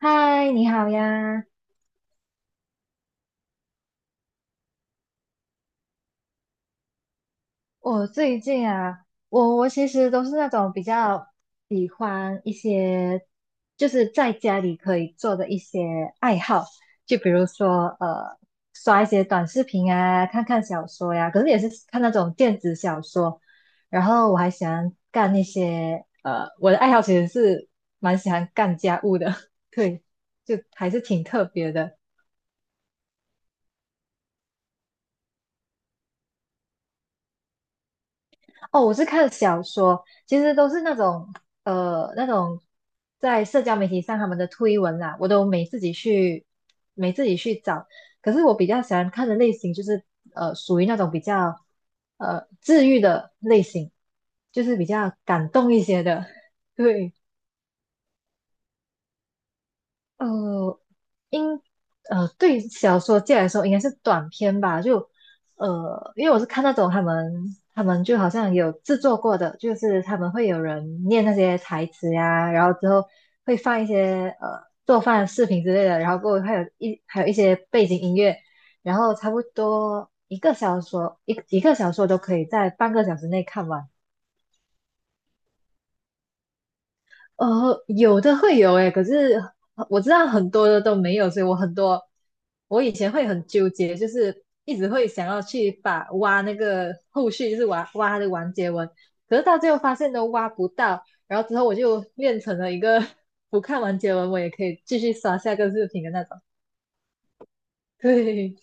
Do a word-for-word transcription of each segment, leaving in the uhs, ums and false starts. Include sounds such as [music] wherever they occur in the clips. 嗨，你好呀！我最近啊，我我其实都是那种比较喜欢一些，就是在家里可以做的一些爱好，就比如说呃，刷一些短视频啊，看看小说呀，可是也是看那种电子小说。然后我还喜欢干一些呃，我的爱好其实是蛮喜欢干家务的，[laughs] 对，就还是挺特别的。哦，我是看小说，其实都是那种呃那种在社交媒体上他们的推文啦，我都没自己去没自己去找。可是我比较喜欢看的类型就是呃属于那种比较呃治愈的类型，就是比较感动一些的。[laughs] 对，呃，应呃对小说界来说应该是短篇吧，就呃因为我是看那种他们他们就好像有制作过的，就是他们会有人念那些台词呀，然后之后会放一些呃做饭的视频之类的，然后过后还有一还有一些背景音乐，然后差不多一个小说一一个小说都可以在半个小时内看完。呃，有的会有诶，可是我知道很多的都没有，所以我很多我以前会很纠结，就是一直会想要去把挖那个后续，就是挖挖它的完结文，可是到最后发现都挖不到，然后之后我就练成了一个 [laughs] 不看完结文我也可以继续刷下个视频的那种。对，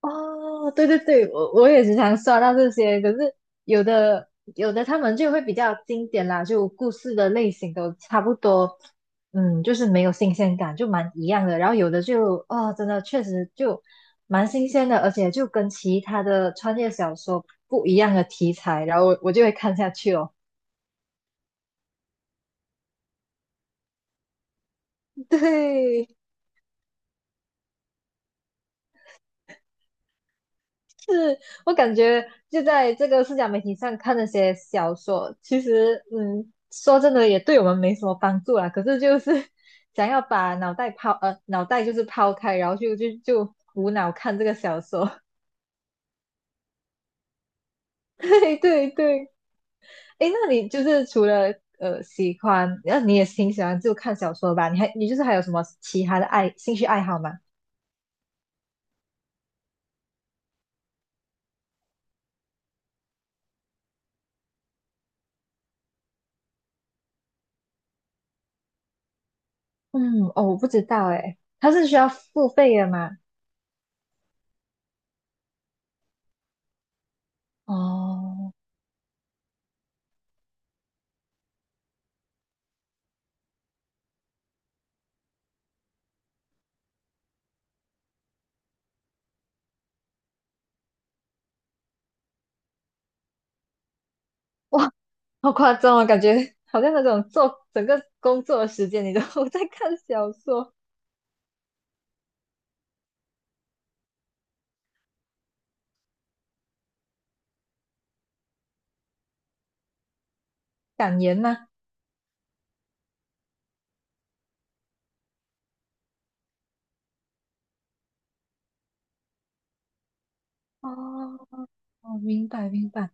哦，对对对，我我也时常刷到这些，可是有的有的他们就会比较经典啦，就故事的类型都差不多，嗯，就是没有新鲜感，就蛮一样的。然后有的就哦，真的确实就蛮新鲜的，而且就跟其他的穿越小说不一样的题材，然后我我就会看下去哦。[laughs] 对，是我感觉就在这个社交媒体上看那些小说，其实嗯，说真的也对我们没什么帮助啦。可是就是 [laughs] 想要把脑袋抛呃脑袋就是抛开，然后就就就无脑看这个小说。[laughs] 对对对，诶，那你就是除了呃喜欢，那你也挺喜欢就看小说吧？你还你就是还有什么其他的爱兴趣爱好吗？嗯，哦，我不知道诶，它是需要付费的吗？哦，[laughs] 哇，[laughs] 好夸张啊，感觉好像那种做整个工作的时间，你都 [laughs] 在看小说。感言吗？哦，我明白明白，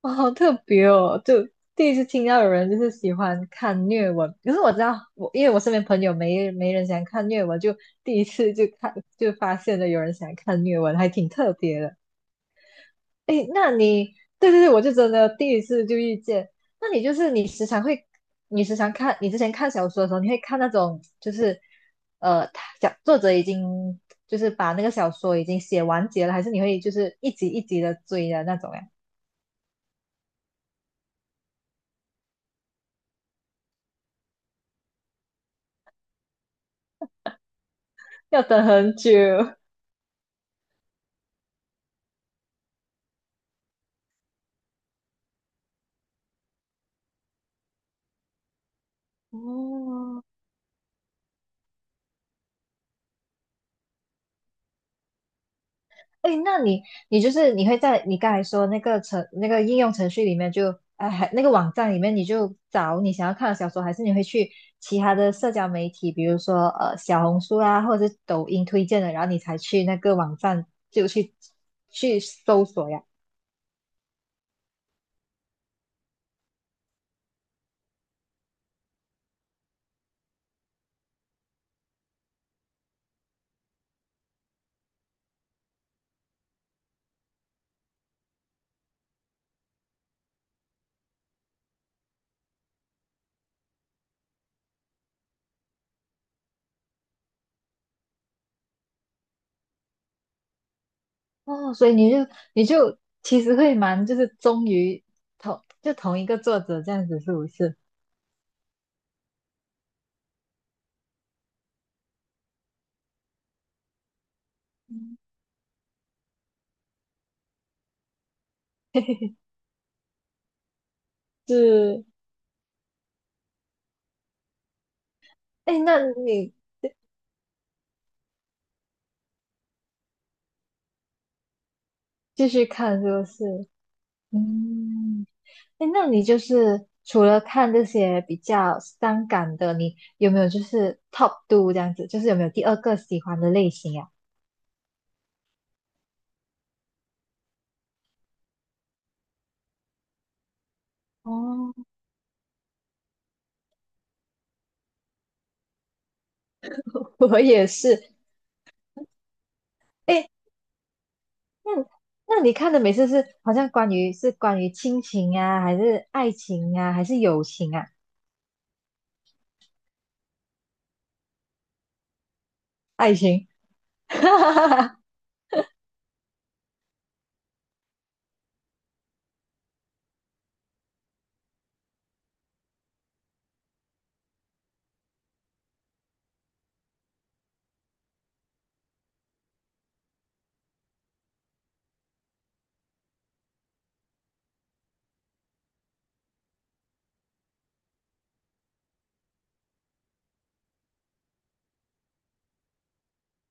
哦，好特别哦，就第一次听到有人就是喜欢看虐文，可是我知道我因为我身边朋友没没人喜欢看虐文，就第一次就看就发现了有人喜欢看虐文，还挺特别的。诶，那你对对对，我就真的第一次就遇见。那你就是你时常会，你时常看，你之前看小说的时候，你会看那种就是，呃，他讲作者已经就是把那个小说已经写完结了，还是你会就是一集一集的追的那种呀？要等很久。[laughs] 哦，哎，那你你就是你会在你刚才说那个程那个应用程序里面就哎还那个网站里面你就找你想要看的小说，还是你会去其他的社交媒体，比如说呃小红书啊，或者是抖音推荐的，然后你才去那个网站就去去搜索呀？哦，所以你就你就其实会蛮就是忠于同就同一个作者这样子，是不是？[laughs] 是，哎，那你继续看是不是？嗯。哎，那你就是除了看这些比较伤感的，你有没有就是 top two 这样子？就是有没有第二个喜欢的类型呀、哦，[laughs] 我也是。哎，那那你看的每次是好像关于是关于亲情啊，还是爱情啊，还是友情啊？爱情，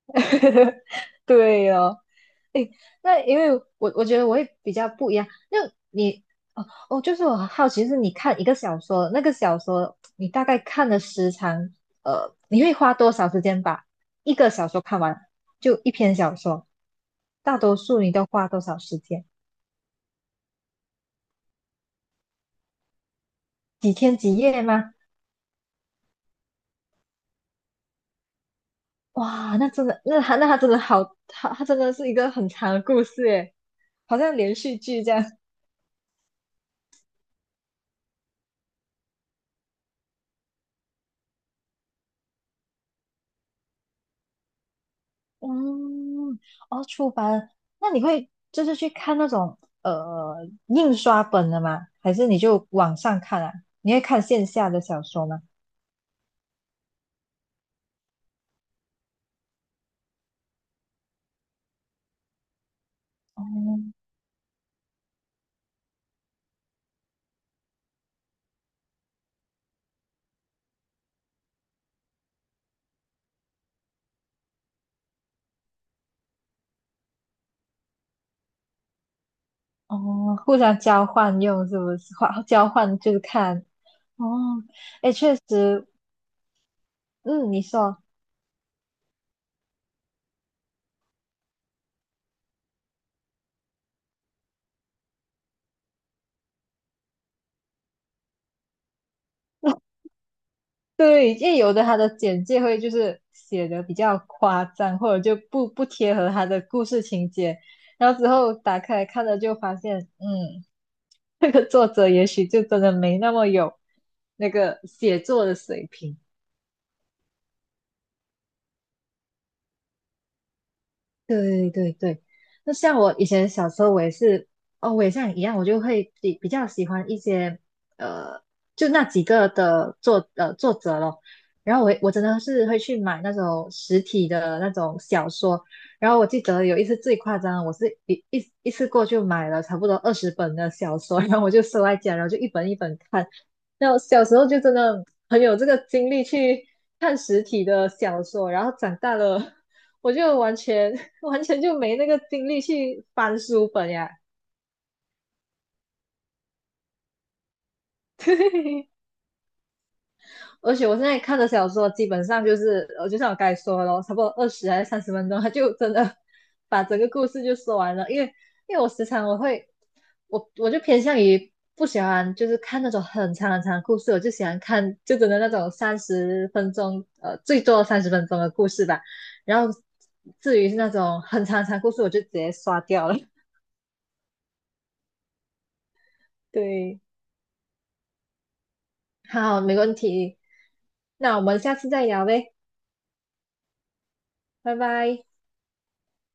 [laughs] 对哦。诶那因为我我觉得我会比较不一样。就你哦哦，就是我很好奇，就是你看一个小说，那个小说你大概看的时长，呃，你会花多少时间把一个小说看完？就一篇小说，大多数你都花多少时间？几天几夜吗？哇，那真的，那他那他真的好，他他真的是一个很长的故事诶，好像连续剧这样。嗯，哦，出版，那你会就是去看那种呃印刷本的吗？还是你就网上看啊？你会看线下的小说吗？哦，互相交换用是不是？换交换就是看哦，哎，确实，嗯，你说对，因为有的他的简介会就是写的比较夸张，或者就不不贴合他的故事情节，然后之后打开来看了就发现，嗯。那个作者也许就真的没那么有那个写作的水平。对对对，那像我以前小时候，我也是，哦，我也像你一样，我就会比比较喜欢一些，呃，就那几个的作呃作者咯。然后我我真的是会去买那种实体的那种小说。然后我记得有一次最夸张，我是一一一次过就买了差不多二十本的小说，然后我就收在家，然后就一本一本看。那我小时候就真的很有这个精力去看实体的小说，然后长大了 [laughs]。我就完全 [laughs] 完全就没那个精力去翻书本呀。[laughs] 对，而且我现在看的小说基本上就是，呃，就像我刚才说的咯，差不多二十还是三十分钟，他就真的把整个故事就说完了。因为因为我时常我会，我我就偏向于不喜欢就是看那种很长很长的故事，我就喜欢看就真的那种三十分钟，呃，最多三十分钟的故事吧。然后至于是那种很长很长的故事，我就直接刷掉了。[laughs] 对。好，没问题。那我们下次再聊呗，拜拜。